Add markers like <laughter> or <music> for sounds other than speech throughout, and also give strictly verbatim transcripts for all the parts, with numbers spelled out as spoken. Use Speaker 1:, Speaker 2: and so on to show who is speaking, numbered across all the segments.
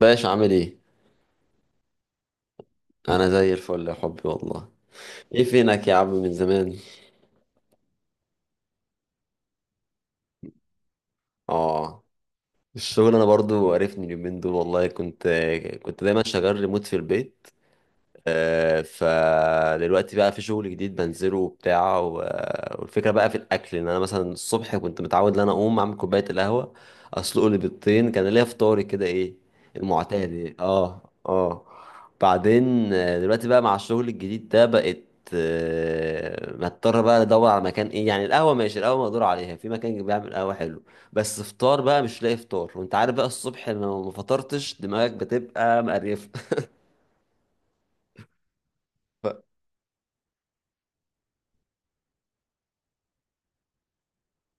Speaker 1: باشا عامل ايه؟ انا زي الفل يا حبي والله. ايه فينك يا عم من زمان؟ اه، الشغل انا برضو عرفني اليومين دول. والله كنت كنت دايما شغال ريموت في البيت. آه، فدلوقتي بقى في شغل جديد بنزله وبتاع و- والفكرة بقى في الأكل، إن أنا مثلا الصبح كنت متعود إن أنا أقوم أعمل كوباية القهوة، أسلق لي بيضتين، كان ليا فطاري كده. إيه المعتاد، إيه، آه آه. بعدين آه، دلوقتي بقى مع الشغل الجديد ده بقت، آه، بضطر بقى ادور على مكان، ايه يعني، القهوه ماشي، القهوه مقدور عليها، في مكان بيعمل قهوه حلو، بس فطار بقى مش لاقي فطار. وانت عارف بقى الصبح لو ما فطرتش دماغك بتبقى مقريفه. <laughs>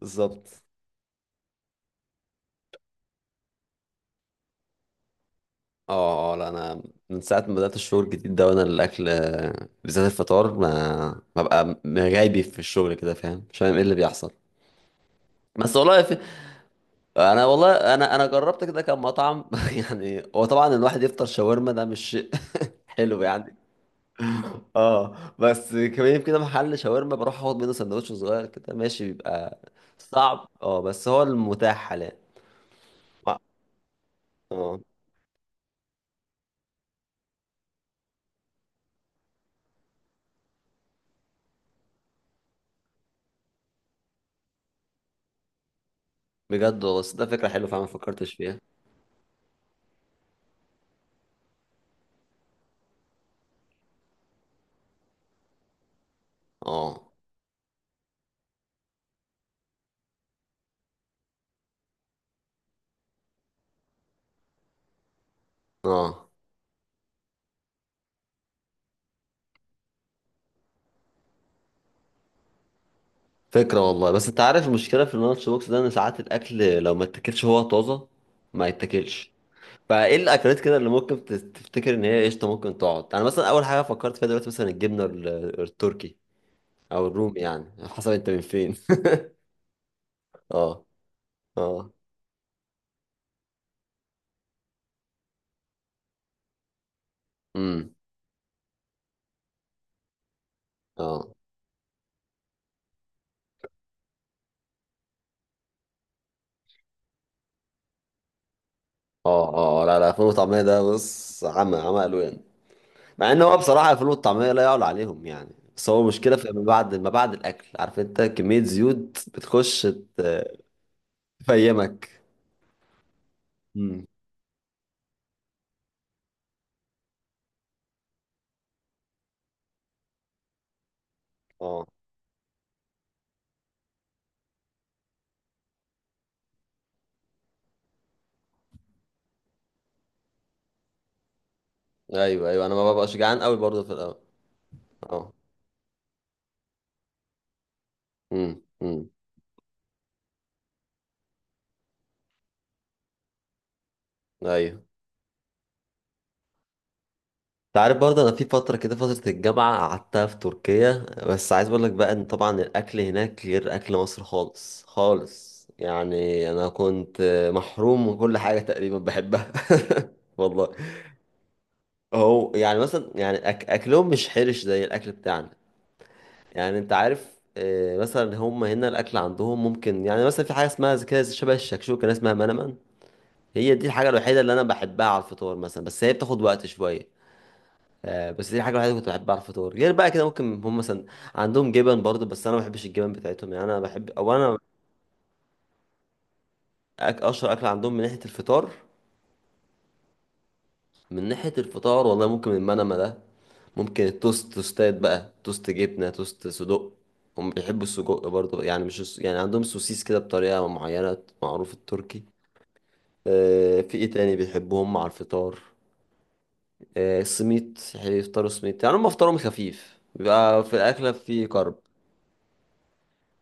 Speaker 1: بالظبط. اه اه، لا انا من ساعه ما بدات الشغل الجديد ده وانا الاكل، آه، بالذات الفطار، ما ببقى غايبي في الشغل كده، فاهم؟ مش فاهم ايه اللي بيحصل. بس والله في... انا والله انا انا جربت كده كام مطعم. <laughs> يعني هو طبعا الواحد يفطر شاورما، ده مش شيء. <laughs> حلو يعني. اه، بس كمان كده محل شاورما بروح اخد منه سندوتش صغير كده ماشي، بيبقى صعب، اه، بس هو المتاح حاليا. اه، آه، بجد والله، بس ده فكره حلوه فعلا، ما فكرتش فيها. اه اه، فكرة والله. بس انت عارف المشكلة في اللانش بوكس ده، ان ساعات الاكل لو ما اتاكلش هو طازة، ما يتاكلش. فايه الاكلات كده اللي ممكن تت- تفتكر ان هي قشطة ممكن تقعد؟ انا مثلا اول حاجة فكرت فيها دلوقتي مثلا الجبنة ال- التركي او الرومي يعني. <laughs> حسب انت من فين. <laughs> اه اه، امم، اه اه اه، آه. لا لا، الفول والطعمية ده بص، عمى عمى الوان. مع ان هو بصراحة الفول والطعمية لا يعلى عليهم يعني، بس هو مشكلة في ما بعد، ما بعد الاكل، عارف انت كمية زيوت بتخش ت- تفيمك. امم. اه، ايوه ايوه، انا ما ببقاش جعان قوي برضه في الاول. اه، امم امم. ايوه، انت عارف برضه انا في فتره كده، فتره الجامعه قعدتها في تركيا. بس عايز اقول لك بقى ان طبعا الاكل هناك غير اكل مصر خالص خالص، يعني انا كنت محروم من كل حاجه تقريبا بحبها. <laughs> والله. هو يعني مثلا، يعني أك اكلهم مش حرش زي الاكل بتاعنا. يعني انت عارف، آه، مثلا هم هنا الاكل عندهم ممكن يعني مثلا في حاجه اسمها زي- كده شبه الشكشوكه، ناس اسمها منمن، هي دي الحاجة الوحيدة اللي أنا بحبها على الفطار مثلا، بس هي بتاخد وقت شوية. آه، بس دي الحاجة الوحيدة اللي كنت بحبها على الفطار. غير بقى كده ممكن هم مثلا عندهم جبن برضه، بس أنا ما بحبش الجبن بتاعتهم يعني. أنا بحب، أو أنا أك- أشهر أكل عندهم من ناحية الفطار، من ناحية الفطار والله ممكن المنما ده. ممكن التوست، توستات بقى، توست جبنة، توست صدق. هم بيحبوا السجق برضه يعني، مش الس- يعني عندهم سوسيس كده بطريقة معينة، معروف التركي. آه، في إيه تاني بيحبوهم مع الفطار؟ آه، سميت، هيفطروا سميت يعني، هم افطارهم خفيف بيبقى، في الاكله في كرب.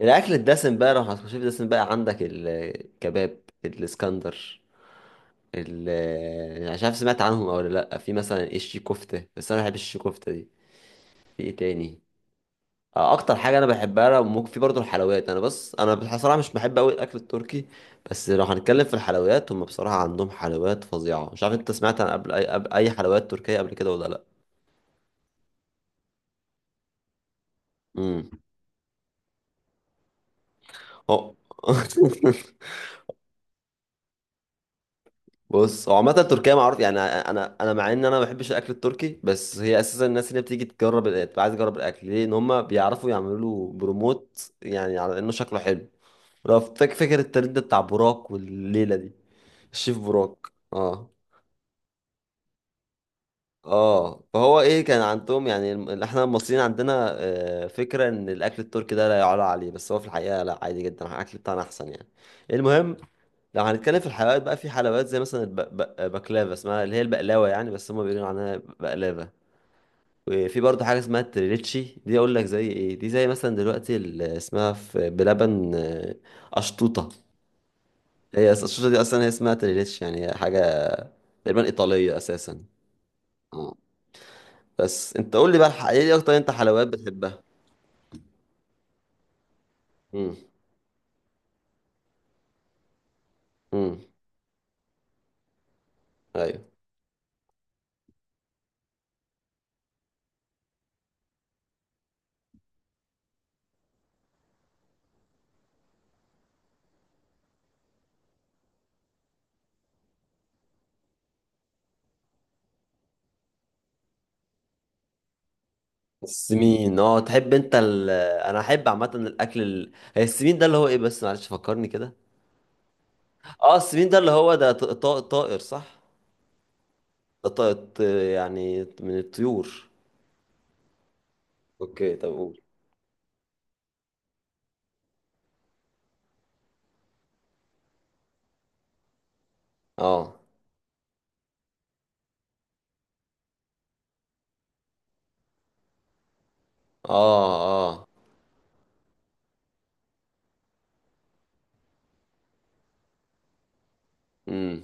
Speaker 1: الاكل الدسم بقى لو هتخش في الدسم بقى عندك الكباب الاسكندر، ال آه، مش عارف سمعت عنهم او لا، في مثلا الشي كفته، بس انا ما بحبش الشي كفته دي. في ايه تاني؟ آه، اكتر حاجه انا بحبها لو ممكن، في برضه الحلويات. انا بس انا بصراحه مش بحب قوي الاكل التركي، بس لو هنتكلم في الحلويات هم بصراحه عندهم حلويات فظيعه. مش عارف انت سمعت عن قبل اي, قبل أي حلويات تركيه قبل كده ولا لا؟ امم، هو. <laughs> بص هو عامة تركيا معروف يعني، انا انا مع ان انا ما بحبش الاكل التركي، بس هي اساسا الناس اللي بتيجي تجرب تبقى عايزه تجرب الاكل ليه؟ ان هم بيعرفوا يعملوا له بروموت يعني على انه شكله حلو. لو فاكر، فاكر الترند ده بتاع براك والليله دي، الشيف براك. اه اه. فهو ايه، كان عندهم يعني الم- احنا المصريين عندنا آه، فكره ان الاكل التركي ده لا يعلى عليه، بس هو في الحقيقه لا، عادي جدا، الاكل بتاعنا احسن يعني. المهم، لو هنتكلم في الحلويات بقى، في حلويات زي مثلا البقلاوة، اسمها اللي هي البقلاوة يعني بس هما بيقولوا عنها بقلاوة. وفي برضه حاجة اسمها التريليتشي دي، أقول لك زي إيه، دي زي مثلا دلوقتي اللي اسمها في بلبن آه، أشطوطة. هي أص- الأشطوطة دي أصلا هي اسمها تريليتشي، يعني هي حاجة تقريبا إيطالية أساسا. اه، بس أنت قول لي بقى، الح- إيه أكتر أنت حلويات بتحبها؟ امم، امم، أيوه. السمين، اه، تحب أنت ال... أنا أحب عامة الأكل ال... هي السمين ده اللي هو إيه، بس معلش فكرني كده. اه السفين ده اللي هو ده ط- ط- طائر، صح؟ ده طائر، ط- يعني من الطيور. اوكي طب قول. اه اه اه، امم،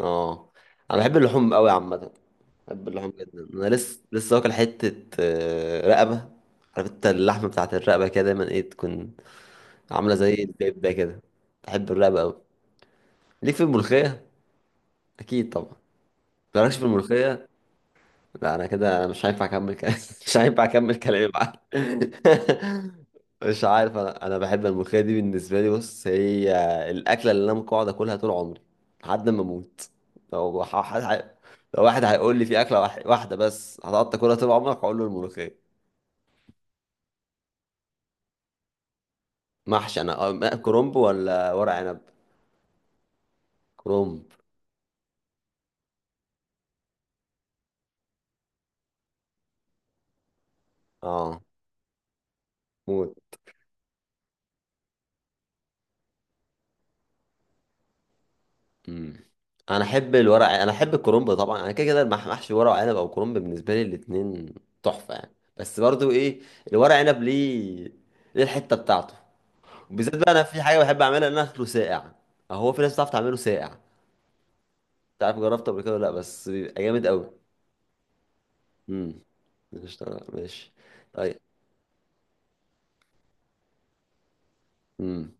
Speaker 1: اه. انا بحب اللحوم قوي عامه، بحب اللحوم جدا. انا لسه لسه واكل حته آه، رقبه. عارف انت اللحمه بتاعت الرقبه كده دايما ايه، تكون عامله زي البيبه كده. بحب الرقبه قوي. ليك في الملوخيه؟ اكيد طبعا. مالكش في الملوخيه؟ لا انا كده انا مش هينفع اكمل كلام. <laughs> مش هينفع اكمل كلامي معاك. <laughs> مش عارف، انا انا بحب الملوخيه دي، بالنسبه لي بص، هي الاكله اللي انا ممكن اقعد اكلها طول عمري لحد ما اموت. لو ح- ح- ح- لو واحد هيقول لي في اكله واح- واحده بس هتقعد تاكلها طول عمرك، هقول له الملوخيه. محشي انا. أه، كرنب ولا ورق عنب؟ كرنب. اه، موت. مم. انا احب الورق، انا احب الكرنب طبعا، انا كده كده المح- محشي ورق عنب او كرنب بالنسبه لي الاتنين تحفه يعني. بس برضو ايه، الورق عنب ليه ليه الحته بتاعته، وبالذات بقى انا في حاجه بحب اعملها، ان انا اكله ساقع. هو في ناس بتعرف تعمله ساقع، مش عارف جربته قبل كده ولا لا، بس بيبقى جامد قوي. امم، مش ماشي. طيب. امم.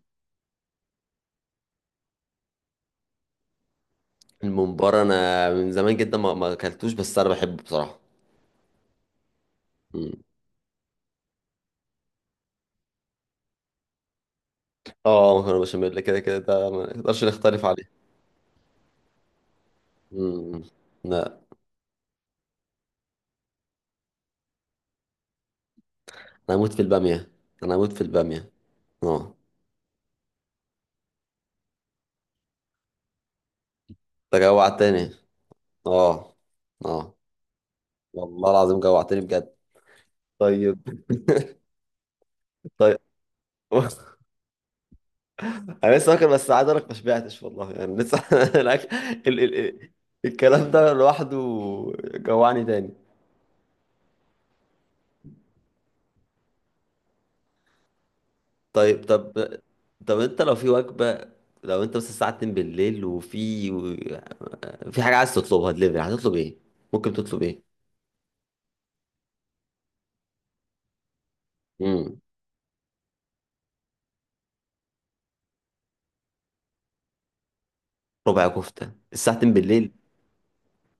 Speaker 1: الممبار انا من زمان جدا ما ما اكلتوش، بس انا بحبه بصراحه. امم. اه، مكرونه بشاميل كده كده ده ما نقدرش نختلف عليه. امم. لا، انا اموت في الباميه، انا اموت في الباميه. اه، انت جوعتني. اه، اه، والله العظيم جوعتني بجد. طيب. <laughs> طيب. <laughs> انا لسه واكل، بس عايز اقول لك ما شبعتش والله يعني لسه <laughs> الأكل- ال... ال... ال... الكلام ده لوحده جوعني تاني. طيب، طب، طب انت لو في وجبه، لو انت بس الساعه اتنين بالليل وفي، في حاجه عايز تطلبها دليفري هتطلب ايه؟ ممكن تطلب ايه؟ امم، ربع كفته الساعه اتنين بالليل؟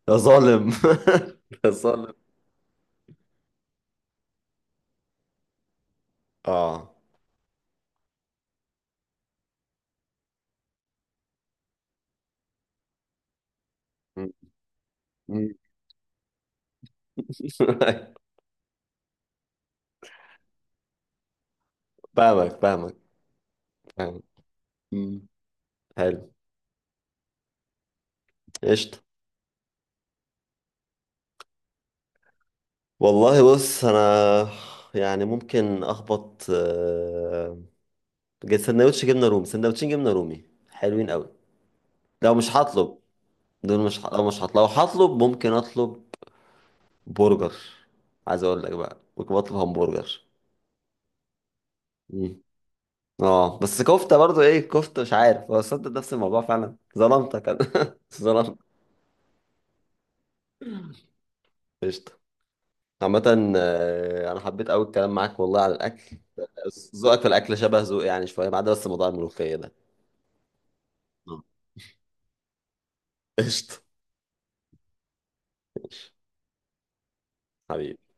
Speaker 1: يا ظالم. <laughs> يا ظالم. اه، مم. مم. <laughs> فاهمك، فاهمك، فاهمك. مم. حلو. قشطة. والله بص انا، يعني ممكن اخبط آه، جي- سندوتش جبنة رومي، سندوتشين جبنة رومي حلوين قوي. لو مش هطلب، دول مش ه- لو مش هطلب، لو هطلب ممكن اطلب برجر. عايز اقول لك بقى ممكن اطلب همبرجر. مم. اه، بس كفتة برضو ايه، كفتة، مش عارف هو صدق نفس الموضوع فعلا، ظلمتك انا. <laughs> ظلمتك. قشطة. عامة آه، أنا حبيت أوي الكلام معاك والله على الأكل. ذوقك في الأكل شبه ذوقي يعني شوية، ما عدا بس موضوع الملوخية ده. آه. قشطة. ماشي. حبيبي.